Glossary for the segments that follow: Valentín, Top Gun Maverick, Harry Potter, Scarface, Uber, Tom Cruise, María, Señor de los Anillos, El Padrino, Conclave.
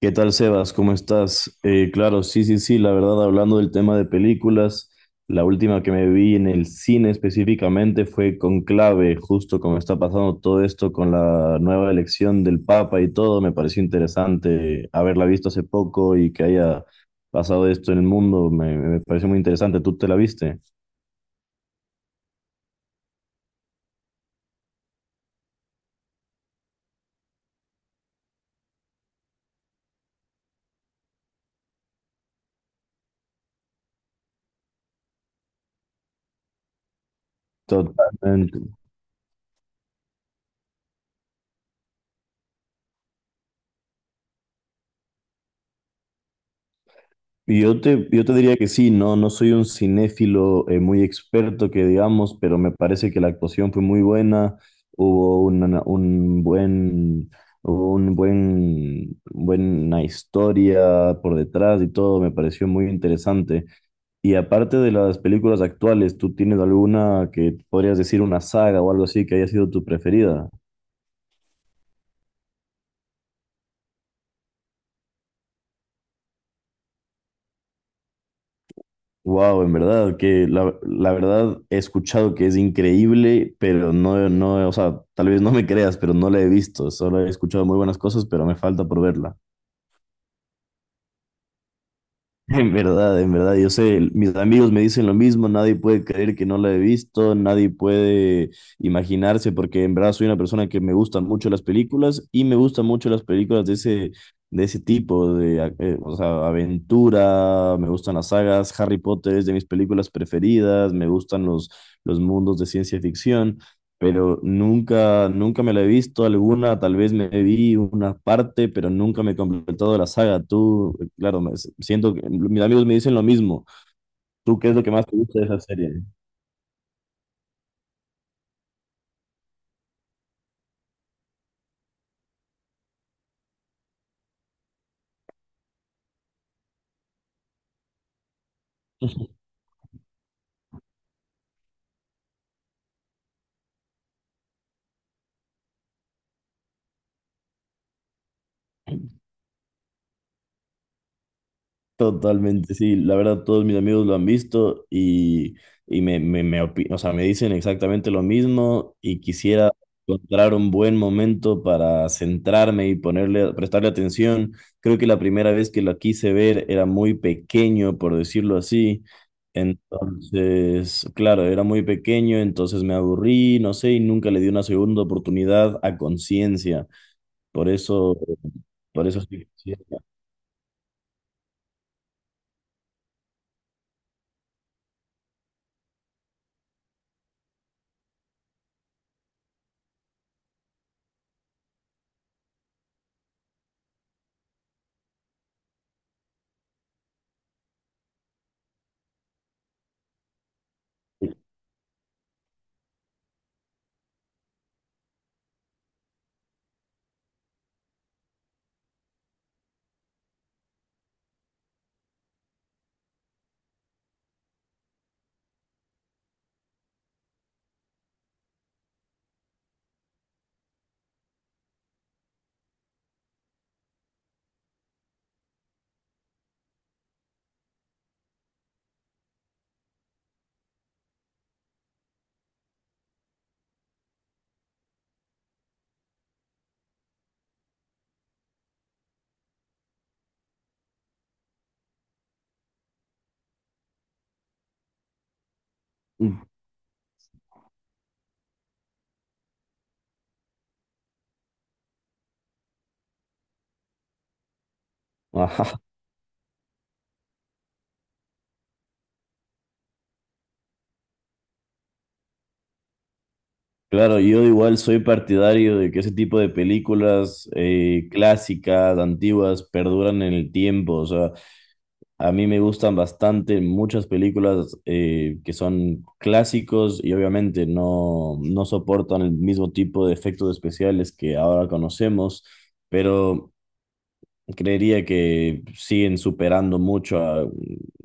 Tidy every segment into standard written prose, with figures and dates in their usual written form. ¿Qué tal, Sebas? ¿Cómo estás? Claro, sí, la verdad, hablando del tema de películas, la última que me vi en el cine específicamente fue Conclave. Justo como está pasando todo esto con la nueva elección del Papa y todo, me pareció interesante haberla visto hace poco y que haya pasado esto en el mundo. Me pareció muy interesante. ¿Tú te la viste? Totalmente. Yo te diría que sí. No soy un cinéfilo muy experto que digamos, pero me parece que la actuación fue muy buena, hubo una- un buen, hubo un buen, buena historia por detrás y todo. Me pareció muy interesante. Y aparte de las películas actuales, ¿tú tienes alguna que podrías decir, una saga o algo así, que haya sido tu preferida? Wow, en verdad, que la verdad he escuchado que es increíble, pero no, no, o sea, tal vez no me creas, pero no la he visto. Solo he escuchado muy buenas cosas, pero me falta por verla. En verdad, yo sé, mis amigos me dicen lo mismo. Nadie puede creer que no la he visto, nadie puede imaginarse, porque en verdad soy una persona que me gustan mucho las películas y me gustan mucho las películas de ese tipo, o sea, aventura. Me gustan las sagas, Harry Potter es de mis películas preferidas, me gustan los mundos de ciencia ficción, pero nunca me la he visto alguna, tal vez me vi una parte, pero nunca me he completado la saga. Siento que mis amigos me dicen lo mismo. ¿Tú qué es lo que más te gusta de esa serie? Totalmente, sí. La verdad, todos mis amigos lo han visto, y o sea, me dicen exactamente lo mismo, y quisiera encontrar un buen momento para centrarme y ponerle, prestarle atención. Creo que la primera vez que lo quise ver era muy pequeño, por decirlo así. Entonces, claro, era muy pequeño, entonces me aburrí, no sé, y nunca le di una segunda oportunidad a conciencia. Por eso, por eso sí quisiera. Ajá. Claro, yo igual soy partidario de que ese tipo de películas clásicas, antiguas, perduran en el tiempo. O sea, a mí me gustan bastante muchas películas que son clásicos, y obviamente no soportan el mismo tipo de efectos especiales que ahora conocemos, pero creería que siguen superando mucho a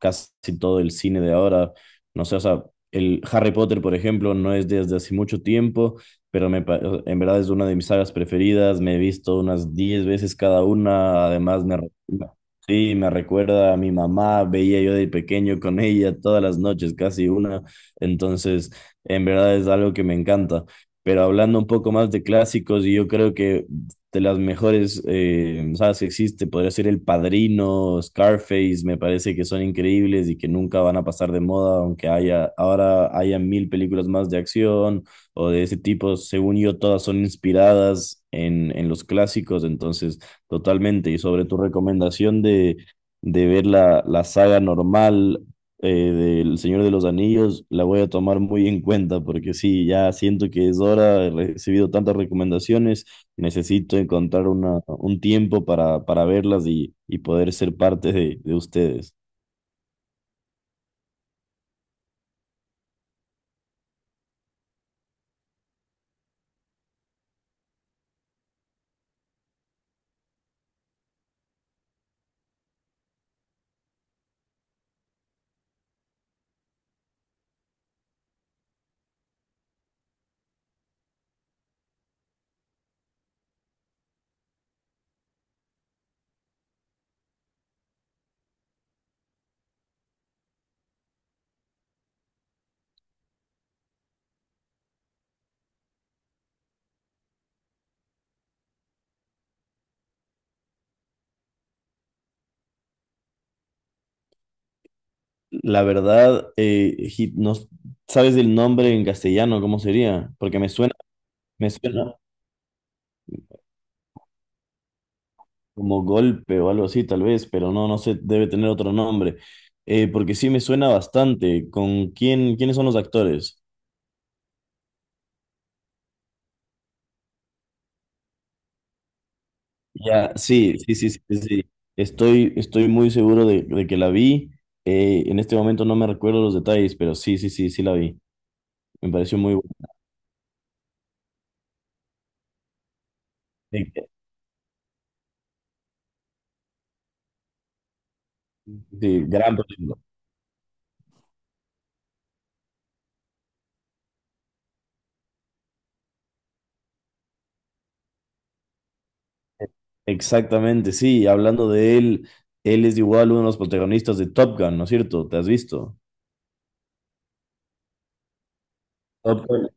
casi todo el cine de ahora. No sé, o sea, el Harry Potter, por ejemplo, no es desde hace mucho tiempo, pero en verdad es una de mis sagas preferidas. Me he visto unas 10 veces cada una. Además, sí, me recuerda a mi mamá. Veía yo de pequeño con ella todas las noches, casi una. Entonces, en verdad es algo que me encanta. Pero hablando un poco más de clásicos, y yo creo que de las mejores sagas que existe, podría ser El Padrino, Scarface. Me parece que son increíbles y que nunca van a pasar de moda, aunque haya, ahora haya mil películas más de acción o de ese tipo. Según yo, todas son inspiradas en los clásicos, entonces totalmente. Y sobre tu recomendación de ver la saga normal, del Señor de los Anillos, la voy a tomar muy en cuenta, porque sí, ya siento que es hora. He recibido tantas recomendaciones. Necesito encontrar un tiempo para verlas y poder ser parte de ustedes. La verdad, Hit, no. ¿Sabes el nombre en castellano? ¿Cómo sería? Porque me suena como golpe o algo así, tal vez, pero no, no sé, debe tener otro nombre. Porque sí me suena bastante. ¿Con quién, quiénes son los actores? Ya, sí, sí, sí, sí, sí, sí. Estoy muy seguro de que la vi. En este momento no me recuerdo los detalles, pero sí, sí, sí, sí la vi. Me pareció muy... Sí, sí, gran protagonista. Exactamente, sí. Hablando de él, él es igual uno de los protagonistas de Top Gun, ¿no es cierto? ¿Te has visto? Top Gun.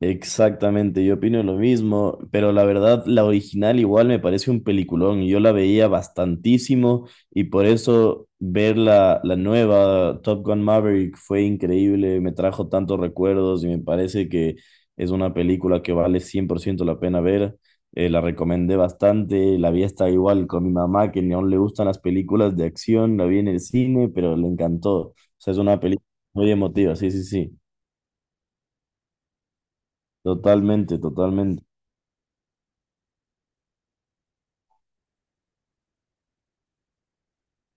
Exactamente, yo opino lo mismo, pero la verdad, la original igual me parece un peliculón. Yo la veía bastantísimo, y por eso ver la nueva Top Gun Maverick fue increíble. Me trajo tantos recuerdos y me parece que es una película que vale 100% la pena ver. La recomendé bastante, la vi hasta igual con mi mamá, que ni aún le gustan las películas de acción. La vi en el cine, pero le encantó. O sea, es una película muy emotiva, sí, sí, sí, totalmente, totalmente.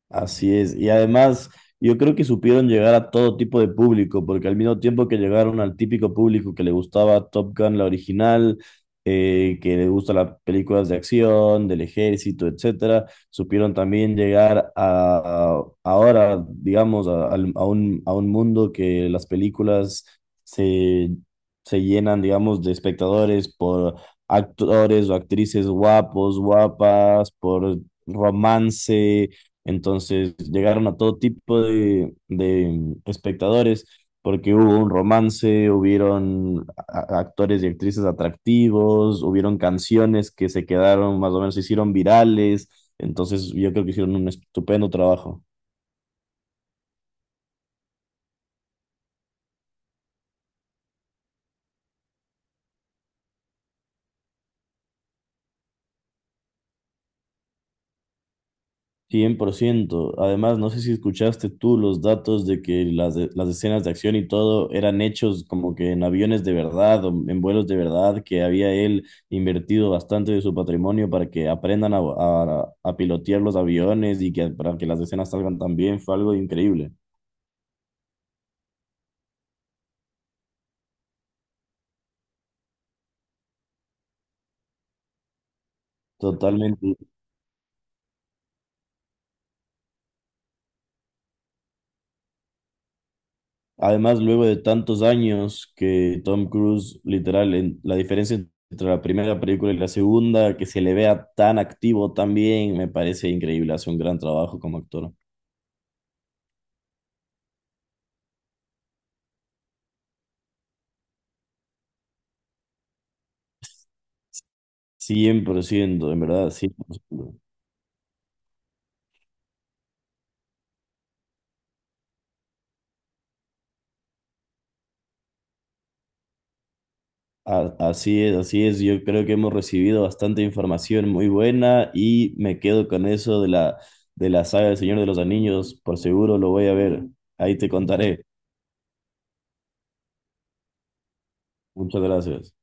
Así es. Y además, yo creo que supieron llegar a todo tipo de público, porque al mismo tiempo que llegaron al típico público que le gustaba Top Gun, la original, que le gustan las películas de acción, del ejército, etcétera, supieron también llegar ahora, digamos, a un mundo que las películas se, se llenan, digamos, de espectadores por actores o actrices guapos, guapas, por romance, entonces llegaron a todo tipo de espectadores, porque hubo un romance, hubieron actores y actrices atractivos, hubieron canciones que se quedaron más o menos, se hicieron virales. Entonces yo creo que hicieron un estupendo trabajo. 100%. Además, no sé si escuchaste tú los datos de que las escenas de acción y todo eran hechos como que en aviones de verdad o en vuelos de verdad, que había él invertido bastante de su patrimonio para que aprendan a pilotear los aviones y que para que las escenas salgan tan bien. Fue algo increíble. Totalmente. Además, luego de tantos años que Tom Cruise, literal, en, la diferencia entre la primera película y la segunda, que se le vea tan activo también, me parece increíble. Hace un gran trabajo como actor. 100% en verdad, 100%. Así es, así es. Yo creo que hemos recibido bastante información muy buena y me quedo con eso de la saga del Señor de los Anillos. Por seguro lo voy a ver. Ahí te contaré. Muchas gracias.